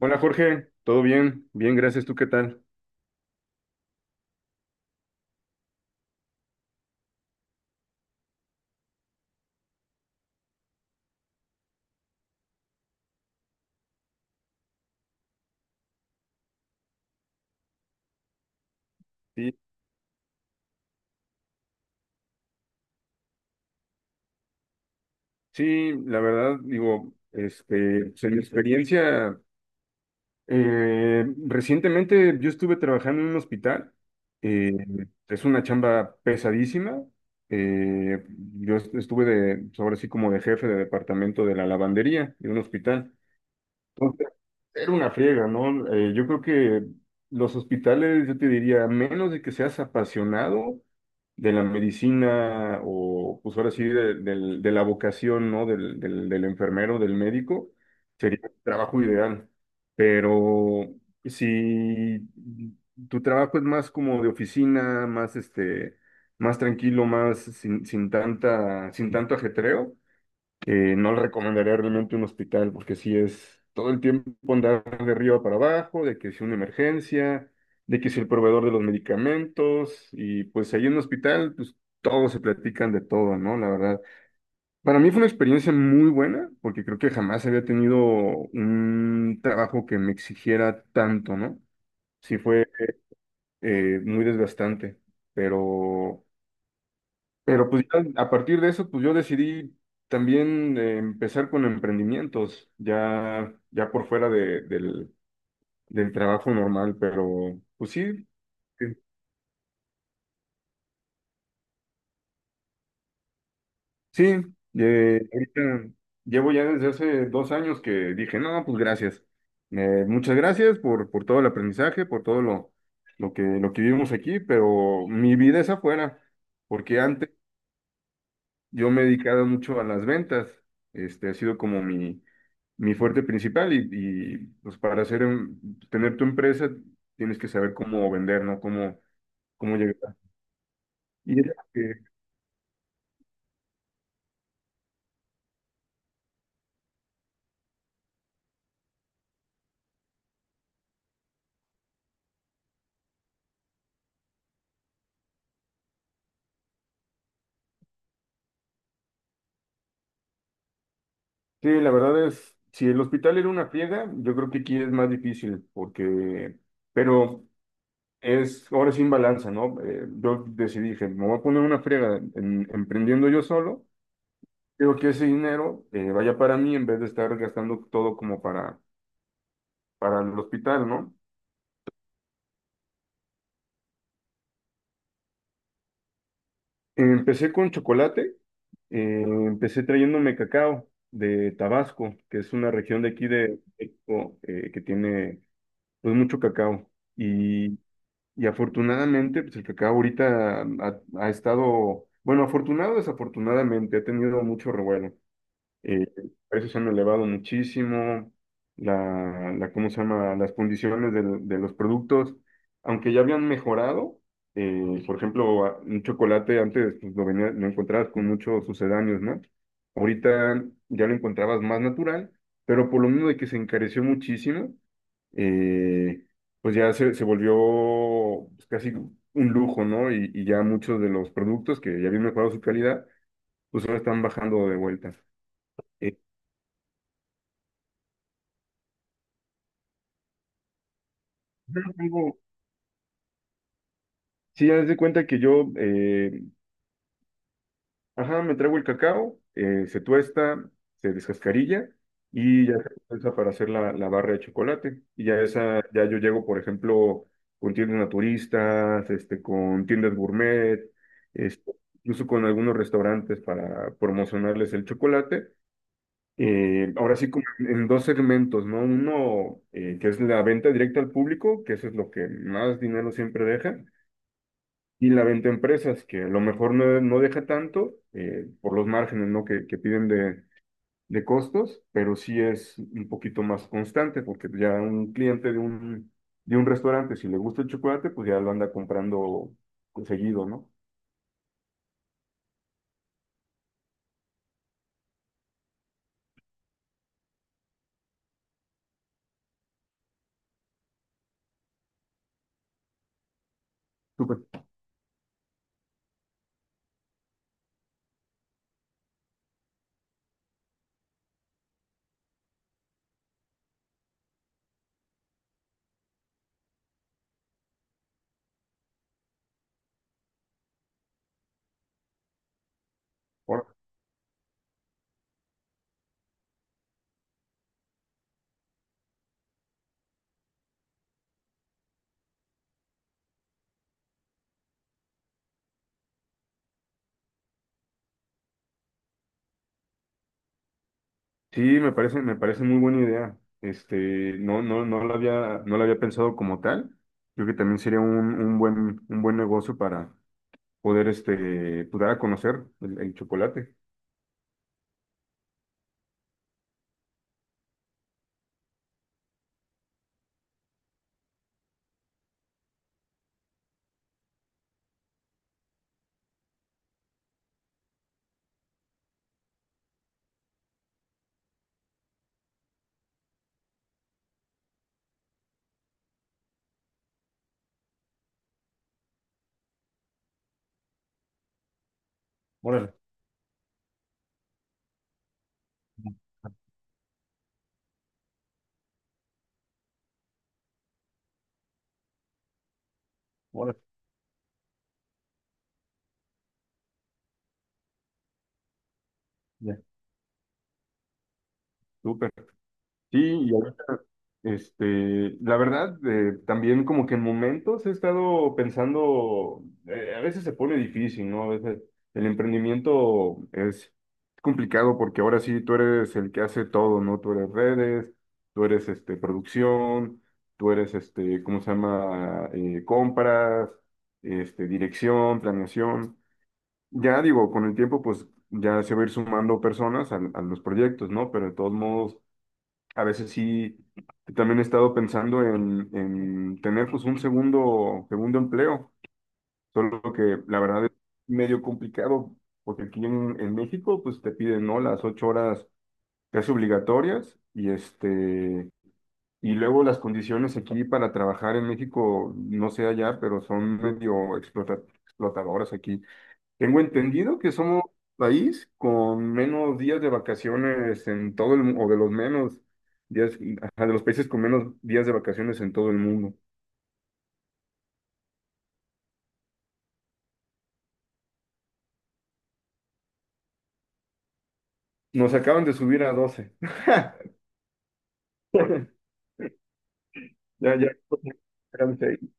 Hola Jorge, ¿todo bien? Bien, gracias. ¿Tú qué tal? Sí, sí, la verdad, digo, pues, en mi experiencia, recientemente yo estuve trabajando en un hospital. eh, es una chamba pesadísima. eh, estuve de, ahora sí, como de jefe de departamento de la lavandería de un hospital. Era una friega, ¿no? Yo creo que los hospitales, yo te diría, a menos de que seas apasionado de la medicina o, pues ahora sí, de la vocación, ¿no? Del enfermero, del médico, sería el trabajo ideal. Pero si tu trabajo es más como de oficina, más, más tranquilo, más sin, sin tanta, sin tanto ajetreo, no le recomendaría realmente un hospital, porque sí es todo el tiempo andar de arriba para abajo, de que si una emergencia, de que si el proveedor de los medicamentos, y pues ahí en un hospital pues todos se platican de todo, ¿no? La verdad. Para mí fue una experiencia muy buena, porque creo que jamás había tenido un trabajo que me exigiera tanto, ¿no? Sí fue muy desgastante, pero... Pero pues ya a partir de eso, pues yo decidí también, empezar con emprendimientos, ya por fuera del trabajo normal, pero pues sí, que- sí, ahorita llevo ya desde hace 2 años que dije, no, pues gracias. Muchas gracias por todo el aprendizaje, por todo lo que vivimos aquí, pero mi vida es afuera, porque antes yo me he dedicado mucho a las ventas, este ha sido como mi fuerte principal, y pues para hacer, tener tu empresa tienes que saber cómo vender, ¿no? Cómo, cómo llegar. Y es que, sí, la verdad es, si el hospital era una friega, yo creo que aquí es más difícil porque, pero es ahora sin balanza, ¿no? Yo decidí, dije, me voy a poner una friega emprendiendo yo solo, creo que ese dinero, vaya para mí en vez de estar gastando todo como para el hospital, ¿no? Empecé con chocolate, empecé trayéndome cacao de Tabasco, que es una región de aquí de México, que tiene pues mucho cacao. Y, y afortunadamente, pues el cacao ahorita ha estado, bueno, afortunado o desafortunadamente, ha tenido mucho revuelo. Los precios han elevado muchísimo, ¿cómo se llama? Las condiciones los productos, aunque ya habían mejorado, por ejemplo, un chocolate antes pues, lo encontrabas con muchos sucedáneos, ¿no? Ahorita ya lo encontrabas más natural, pero por lo mismo de que se encareció muchísimo, eh, pues ya se volvió pues, casi un lujo, ¿no? Y ya muchos de los productos que ya habían mejorado su calidad, pues ahora están bajando de vuelta. Luego, sí, ya de cuenta que yo, ajá, me traigo el cacao, se tuesta, se descascarilla y ya se usa para hacer la, la barra de chocolate. Y ya esa, ya yo llego, por ejemplo, con tiendas naturistas, con tiendas gourmet, este, incluso con algunos restaurantes para promocionarles el chocolate. Ahora sí, como en dos segmentos, ¿no? Uno, que es la venta directa al público, que eso es lo que más dinero siempre deja. Y la venta a empresas, que a lo mejor no, no deja tanto, por los márgenes, ¿no? Que piden de costos, pero sí es un poquito más constante, porque ya un cliente de un restaurante, si le gusta el chocolate, pues ya lo anda comprando seguido, ¿no? Súper. Ahora, sí, me parece muy buena idea. No, no lo había, no lo había pensado como tal. Creo que también sería un buen negocio para poder pues, dar a conocer el chocolate. Órale. Órale, ya, súper. Sí, y ahorita, la verdad, también como que en momentos he estado pensando, a veces se pone difícil, ¿no? A veces el emprendimiento es complicado, porque ahora sí tú eres el que hace todo, ¿no? Tú eres redes, tú eres, producción, tú eres, ¿cómo se llama? Compras, dirección, planeación. Ya digo, con el tiempo, pues ya se va a ir sumando personas a los proyectos, ¿no? Pero de todos modos, a veces sí, también he estado pensando en tener pues un segundo, segundo empleo, solo que la verdad es medio complicado, porque aquí en México, pues te piden, ¿no? Las 8 horas casi obligatorias, y y luego las condiciones aquí para trabajar en México, no sé allá, pero son medio explotadoras aquí. Tengo entendido que somos país con menos días de vacaciones en todo el mundo, o de los menos días, ajá, de los países con menos días de vacaciones en todo el mundo. Nos acaban de subir a 12. Ya, ya. Eran 6.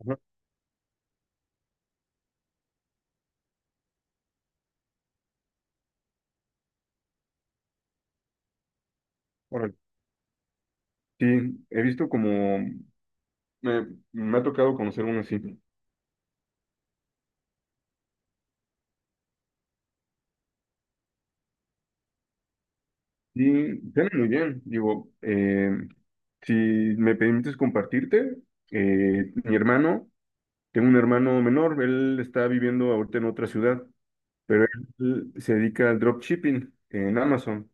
Ajá, órale. Sí, he visto como, me, me ha tocado conocer uno así. Y suena muy bien, digo, si me permites compartirte, mi hermano, tengo un hermano menor, él está viviendo ahorita en otra ciudad. Pero él se dedica al dropshipping en Amazon.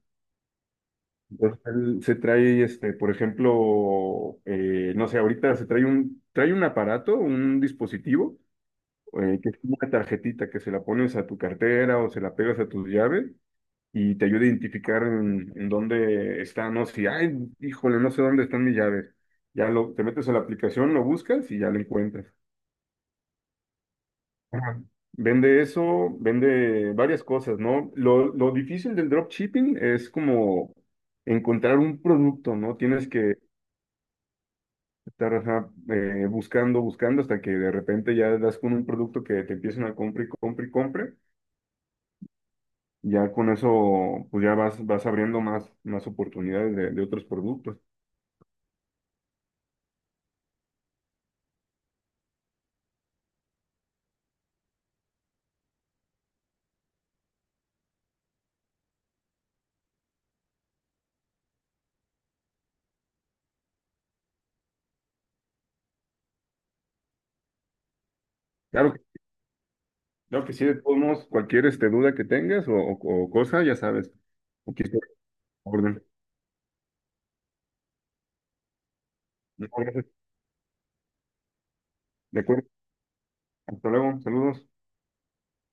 Entonces él se trae, por ejemplo, no sé, ahorita trae un aparato, un dispositivo, que es como una tarjetita que se la pones a tu cartera o se la pegas a tus llaves, y te ayuda a identificar en dónde está, no sé, ay, híjole, no sé dónde están mis llaves. Te metes a la aplicación, lo buscas y ya lo encuentras. Ajá. Vende eso, vende varias cosas, ¿no? Lo difícil del dropshipping es como encontrar un producto, ¿no? Tienes que estar, ajá, buscando, buscando, hasta que de repente ya das con un producto que te empiecen a comprar y comprar y comprar. Ya con eso, pues ya vas, vas abriendo más, más oportunidades de otros productos. Claro que, claro que sí, de todos modos, cualquier duda que tengas o cosa, ya sabes, aquí estoy a la orden. No, gracias. De acuerdo. Hasta luego. Saludos.